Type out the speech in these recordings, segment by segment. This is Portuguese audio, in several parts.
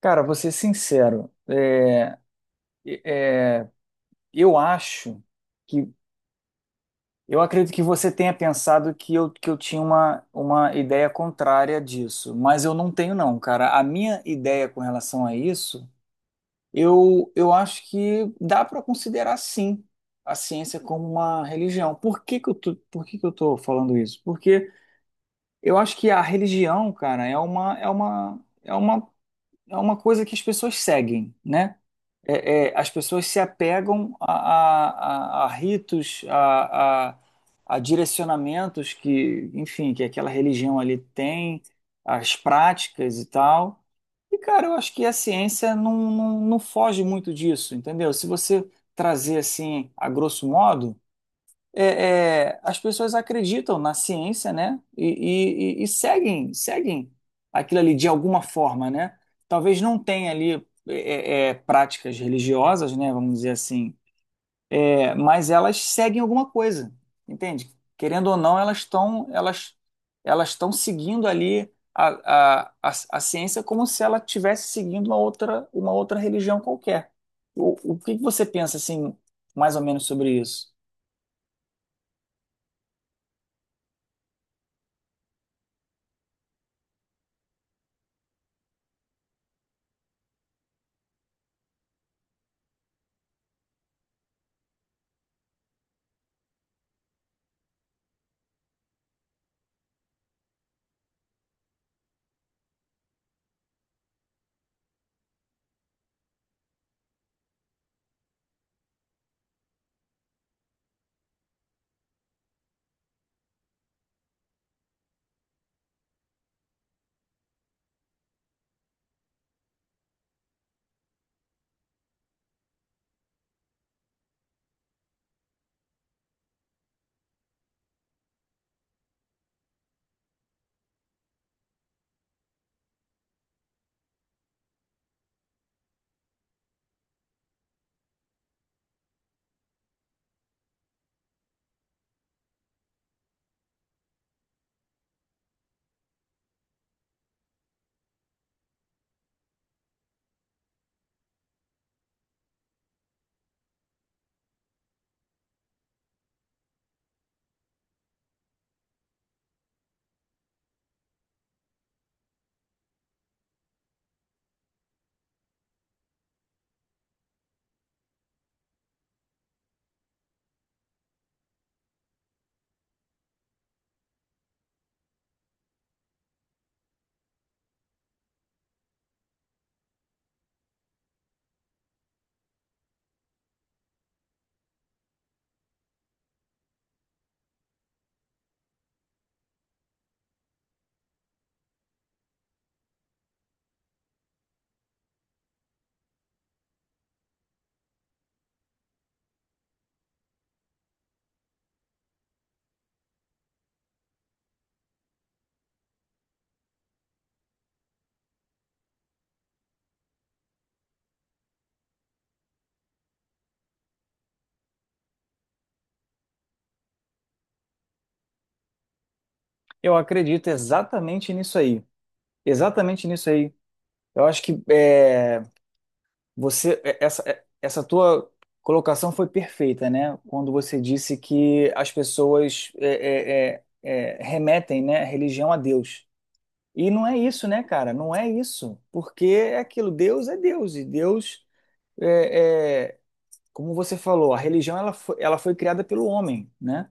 Cara, vou ser sincero, é, eu acho que eu acredito que você tenha pensado que eu tinha uma ideia contrária disso, mas eu não tenho não, cara. A minha ideia com relação a isso, eu acho que dá para considerar sim a ciência como uma religião. Por que que eu tô falando isso? Porque eu acho que a religião, cara, é uma é uma coisa que as pessoas seguem, né? As pessoas se apegam a ritos, a direcionamentos que, enfim, que aquela religião ali tem, as práticas e tal. E, cara, eu acho que a ciência não foge muito disso, entendeu? Se você trazer assim, a grosso modo as pessoas acreditam na ciência, né? E seguem aquilo ali de alguma forma, né? Talvez não tenha ali práticas religiosas, né? Vamos dizer assim. É, mas elas seguem alguma coisa, entende? Querendo ou não, elas estão seguindo ali a, a ciência como se ela estivesse seguindo uma outra religião qualquer. O que que você pensa assim, mais ou menos sobre isso? Eu acredito exatamente nisso aí. Exatamente nisso aí. Eu acho que você é- essa tua colocação foi perfeita, né? Quando você disse que as pessoas remetem, né, a religião a Deus. E não é isso, né, cara? Não é isso. Porque é aquilo, Deus é Deus. E Deus, é, é, como você falou, a religião ela foi criada pelo homem, né?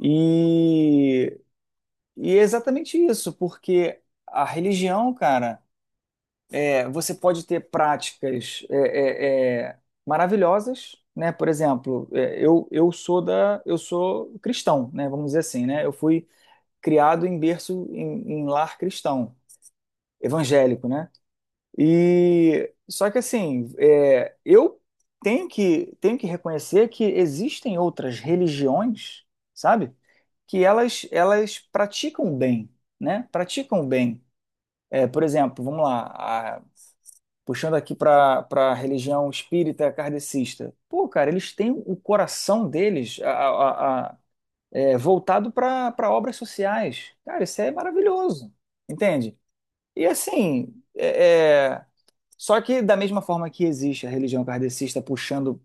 E, e é exatamente isso, porque a religião, cara. É, você pode ter práticas maravilhosas, né? Por exemplo, eu sou cristão, né? Vamos dizer assim, né? Eu fui criado em berço em lar cristão, evangélico, né? E só que assim, é, eu tenho que reconhecer que existem outras religiões, sabe? Que elas praticam bem, né? Praticam bem. É, por exemplo, vamos lá, puxando aqui para a religião espírita kardecista. Pô, cara, eles têm o coração deles voltado para obras sociais. Cara, isso é maravilhoso, entende? E assim, só que, da mesma forma que existe a religião kardecista puxando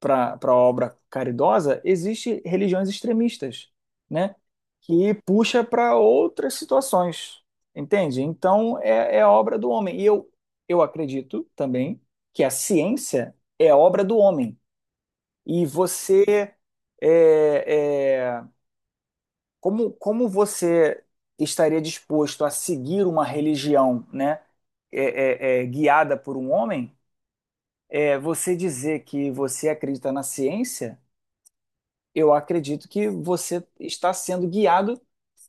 para a obra caridosa, existe religiões extremistas, né? Que puxa para outras situações, entende? Então, é a obra do homem. E eu acredito também que a ciência é a obra do homem. E você, é, é, como você estaria disposto a seguir uma religião, né? Guiada por um homem é você dizer que você acredita na ciência, eu acredito que você está sendo guiado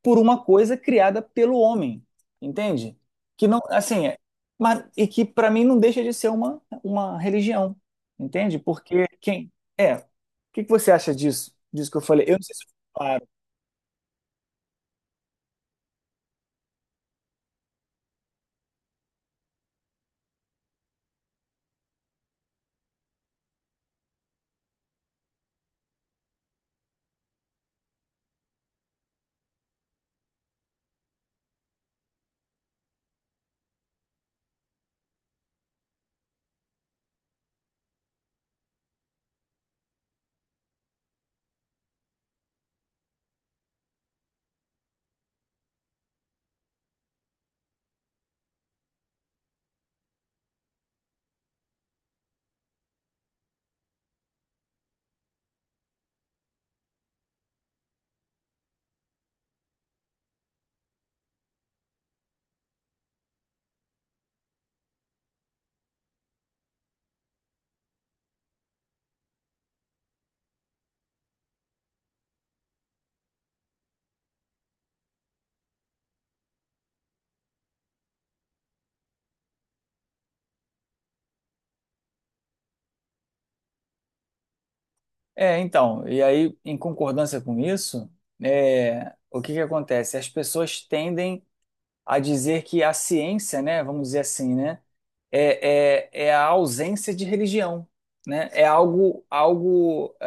por uma coisa criada pelo homem, entende? Que não, assim, é- mas, e que para mim não deixa de ser uma religião, entende? Porque quem é? O que que você acha disso? Disso que eu falei? Eu não sei se eu fui claro. É, então, e aí, em concordância com isso, é, o que que acontece? As pessoas tendem a dizer que a ciência, né, vamos dizer assim, né, é a ausência de religião, né? É algo,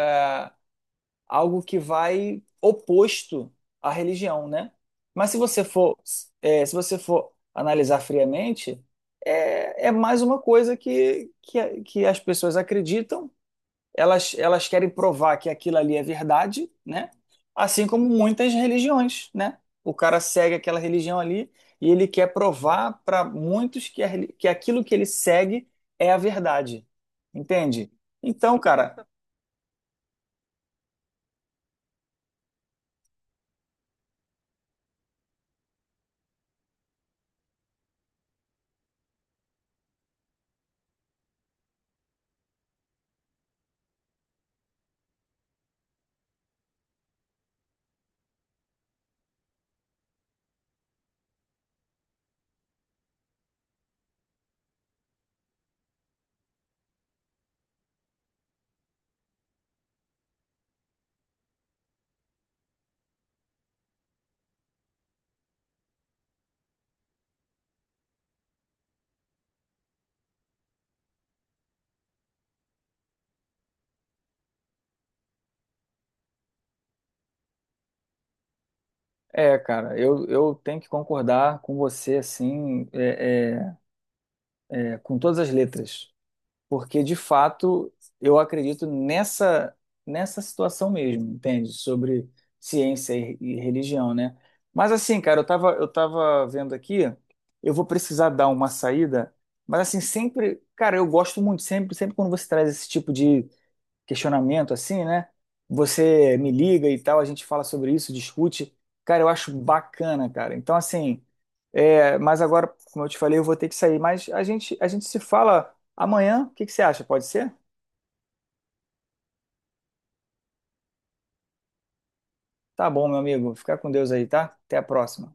algo que vai oposto à religião, né? Mas se você for, é, se você for analisar friamente, é, é mais uma coisa que as pessoas acreditam elas querem provar que aquilo ali é verdade, né? Assim como muitas religiões, né? O cara segue aquela religião ali e ele quer provar para muitos que, que aquilo que ele segue é a verdade, entende? Então, cara, é, cara, eu tenho que concordar com você, assim, é, com todas as letras. Porque de fato eu acredito nessa situação mesmo, entende? Sobre ciência e religião, né? Mas assim, cara, eu tava vendo aqui, eu vou precisar dar uma saída, mas assim, sempre, cara, eu gosto muito sempre quando você traz esse tipo de questionamento assim, né? Você me liga e tal, a gente fala sobre isso, discute. Cara, eu acho bacana, cara. Então, assim, é, mas agora, como eu te falei, eu vou ter que sair. Mas a gente se fala amanhã. O que que você acha? Pode ser? Tá bom, meu amigo. Fica com Deus aí, tá? Até a próxima.